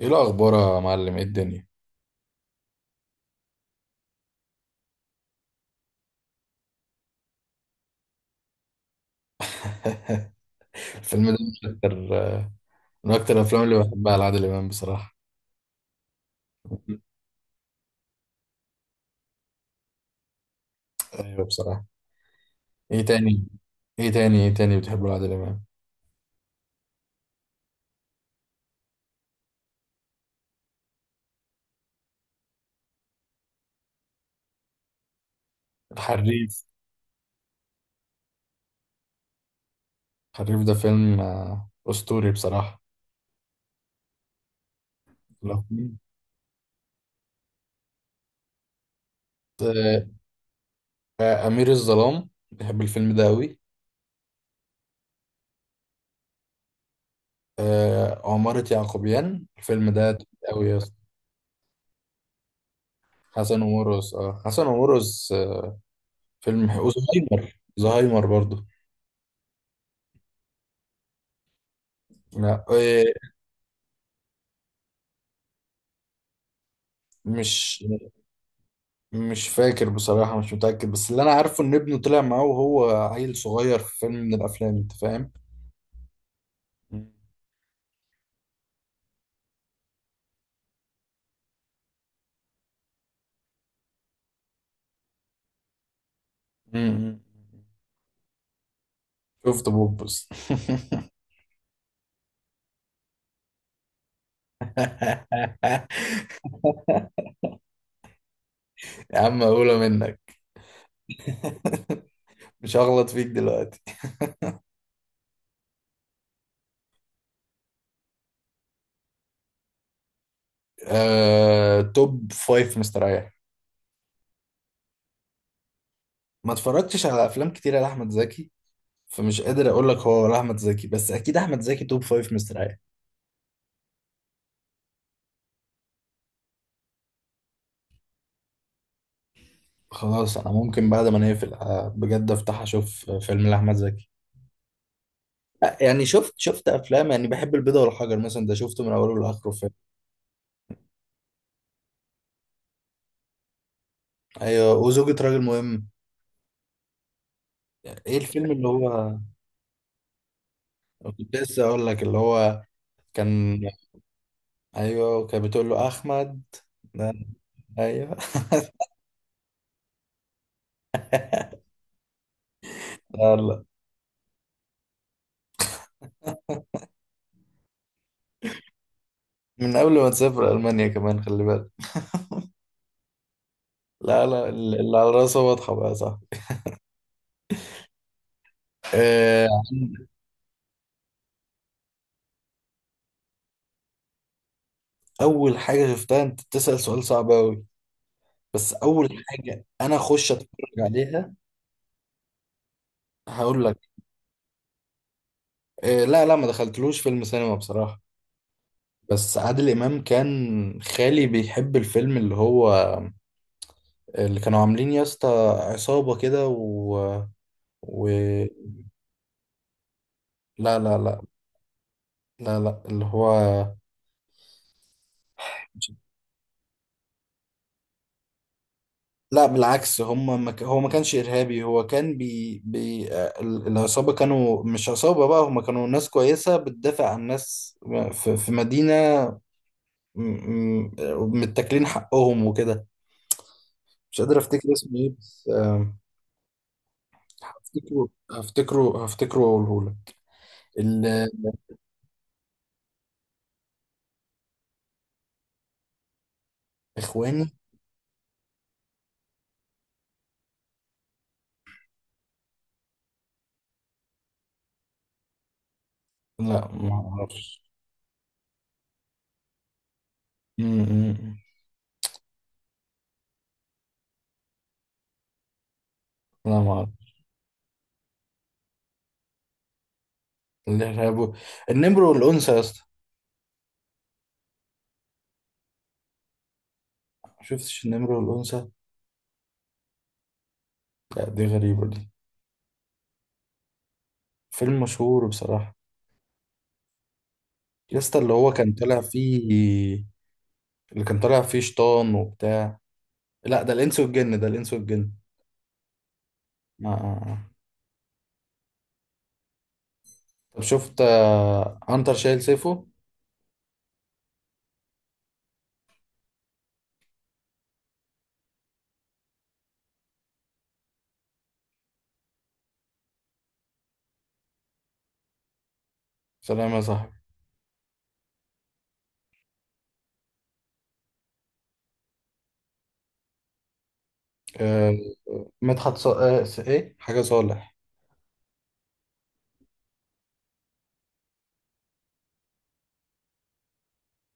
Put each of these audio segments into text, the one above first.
ايه الاخبار يا معلم؟ ايه الدنيا؟ الفيلم ده من اكتر الافلام اللي بحبها لعادل امام بصراحه. ايوه بصراحه. ايه تاني ايه تاني بتحبه لعادل امام؟ الحريف. الحريف ده فيلم، اسطوري بصراحه. لو كنت، آه، امير الظلام، بحب الفيلم ده قوي. عمارة يعقوبيان، الفيلم ده تقيل قوي يا اسطى. حسن ومرقص، حسن ومرقص، فيلم وزهايمر، زهايمر برضه. لا، إيه، مش مش فاكر بصراحة، مش متأكد، بس اللي أنا عارفه إن ابنه طلع معاه وهو عيل صغير في فيلم من الأفلام. أنت فاهم؟ مم. مم. شفت بوبس. يا عم أقولها منك. مش هغلط فيك دلوقتي. توب فايف مستريح. ما اتفرجتش على أفلام كتيرة لأحمد زكي، فمش قادر أقول لك هو ولا أحمد زكي، بس أكيد أحمد زكي توب فايف مستريح. خلاص، أنا ممكن بعد ما نقفل، بجد، أفتح أشوف فيلم لأحمد زكي. يعني شفت افلام، يعني بحب البيضة والحجر مثلا، ده شفته من اوله لاخره، فيلم. ايوه، وزوجة راجل مهم. يعني ايه الفيلم اللي هو... كنت لسه اقول لك، اللي هو كان... ايوه كان، بتقول له احمد. لا، ايوه. لا لا. من قبل ما تسافر المانيا كمان، خلي بالك. لا لا، اللي على راسه واضحة بقى، صح. آه، اول حاجة شفتها، انت بتسأل سؤال صعب قوي. بس اول حاجة انا اخش اتفرج عليها، هقول لك. لا لا، ما دخلتلوش فيلم سينما بصراحة. بس عادل امام كان خالي بيحب الفيلم اللي هو... اللي كانوا عاملين يا اسطى، عصابه كده و... و... لا لا لا. لا لا، اللي هو... لا بالعكس، هم ما ك... هو ما كانش إرهابي، هو كان بي... بي... العصابة كانوا مش عصابة بقى، هم كانوا ناس كويسة بتدافع عن ناس في مدينة، م- م- متاكلين حقهم وكده. مش قادر أفتكر اسمه إيه، بس هفتكره وأقوله لك. الإخواني. لا ما اعرفش. م- م- م. لا ما اعرف. الارهاب. النمر والانثى يا اسطى. ما شفتش النمر والانثى. لا دي غريبه دي. فيلم مشهور بصراحه. يا اسطى اللي هو كان طالع فيه... اللي كان طالع فيه شيطان وبتاع. لا ده الانس والجن، ده الانس والجن. آه. آه، آه. طب شفت عنتر شايل سيفه. سلام يا صاحبي. آه. مدحت ص... آه. س- ايه حاجه صالح.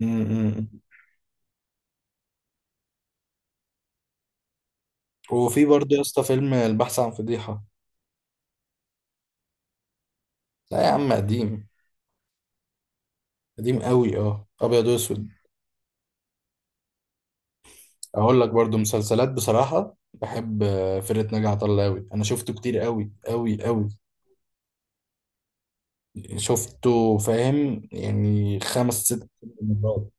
م- م- م. وفي برضه يا اسطى فيلم البحث عن فضيحه. لا يا عم، قديم. قديم قوي، اه، ابيض واسود. اقول لك برضو مسلسلات بصراحه، بحب فرقه ناجي عطا الله قوي، انا شفته كتير قوي قوي قوي. شفته، فاهم، يعني 5 6 مرات.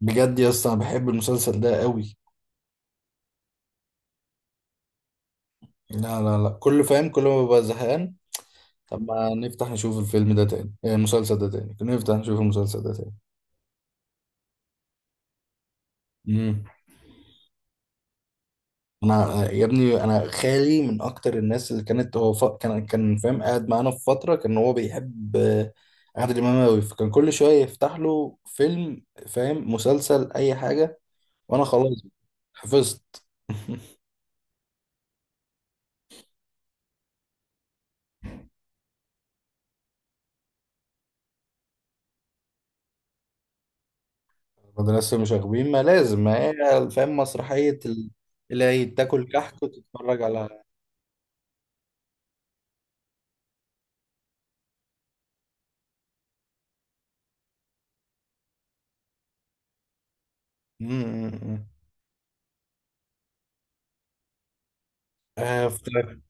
بجد يا اسطى انا بحب المسلسل ده قوي. لا لا لا، كل فاهم، كل ما ببقى زهقان. طب ما نفتح نشوف الفيلم ده تاني، المسلسل ده تاني، نفتح نشوف المسلسل ده تاني. مم. انا يا ابني، انا خالي من اكتر الناس اللي كانت... هو ف... كان فاهم، قاعد معانا في فتره، كان هو بيحب عادل امام قوي، فكان كل شويه يفتح له فيلم، فاهم، مسلسل، اي حاجه. وانا خلاص حفظت. مدرسه مشاغبين ما لازم، ما هي فاهم مسرحيه ال-... اللي هي تاكل كحك وتتفرج على... م- م- م. افتكرت.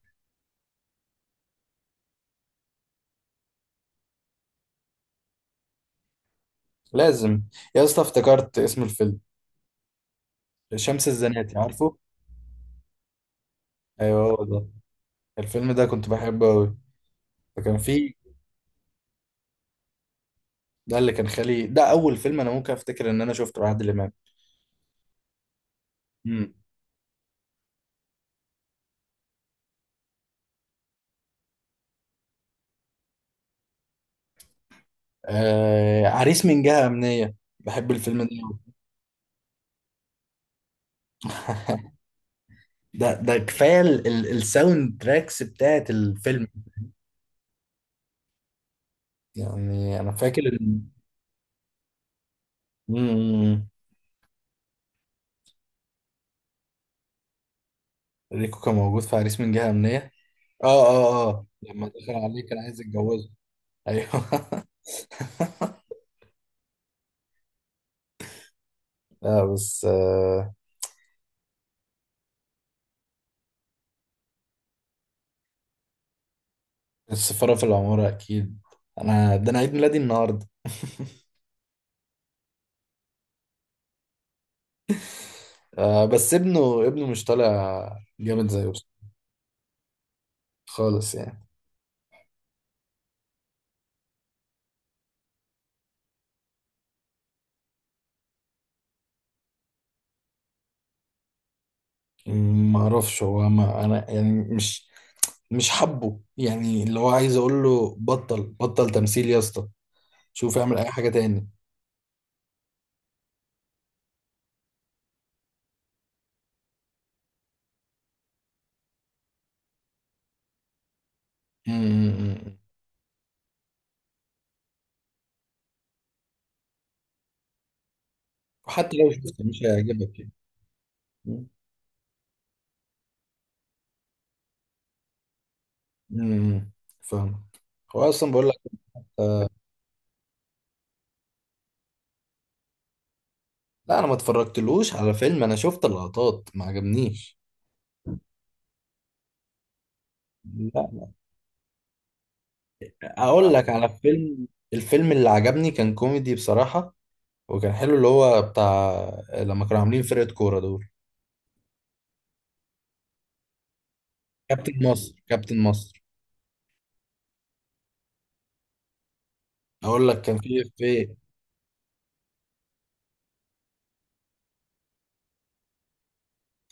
لازم. يا اسطى افتكرت اسم الفيلم. شمس الزناتي، عارفه. ايوه هو ده. الفيلم ده كنت بحبه قوي، فكان فيه... ده اللي كان خالي، ده اول فيلم انا ممكن افتكر ان انا شفته لعادل امام. امم. عريس من جهة أمنية، بحب الفيلم ده أوي. ده كفاية ال... ال... الساوند تراكس بتاعت الفيلم. يعني انا فاكر ان... مم. ريكو كان موجود في عريس من جهة أمنية. اه اه اه، لما دخل عليه كان عايز يتجوزه. ايوه. لا بس السفارة في العمارة اكيد. انا عيد ميلادي النهارده. آه بس ابنه مش طالع جامد زيه. خالص يعني. ما اعرفش، هو ما انا يعني مش، حبه، يعني اللي هو عايز اقول له بطل، بطل تمثيل يا اسطى، شوف اعمل اي حاجه تاني. امم. وحتى لو شفت مش هيعجبك يعني. امم. فاهم. هو اصلا بقول لك. لا انا ما اتفرجتلوش على فيلم، انا شفت اللقطات ما عجبنيش. لا، اقول لك على فيلم، اللي عجبني كان كوميدي بصراحه، وكان حلو اللي هو بتاع، لما كانوا عاملين فرقه كوره دول. كابتن مصر، كابتن مصر. اقول لك كان في...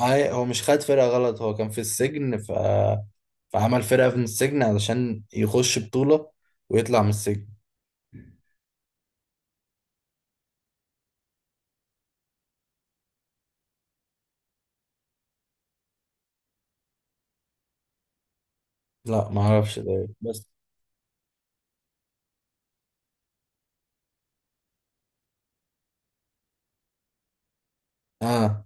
هاي- هو مش خد فرقه غلط، هو كان في السجن ف... فعمل فرقه من السجن علشان يخش بطوله ويطلع من السجن. لا ما اعرفش ده إيه. بس اه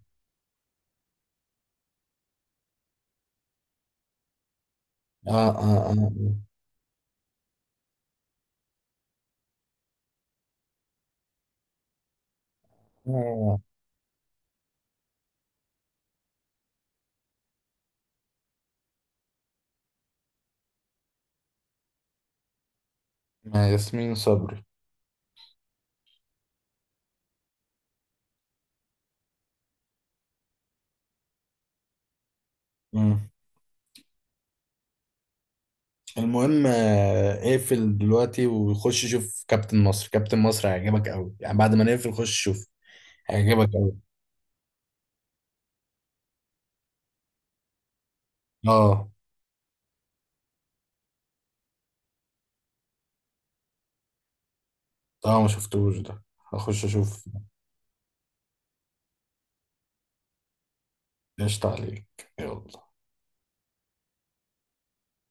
اه اه اه، آه. آه. ياسمين صبري. مم. المهم اقفل دلوقتي وخش شوف كابتن مصر، كابتن مصر هيعجبك قوي يعني، بعد ما نقفل خش شوف، هيعجبك قوي. اه اه، ما شفتوش ده، هخش اشوف. ايش تعليق. يلا.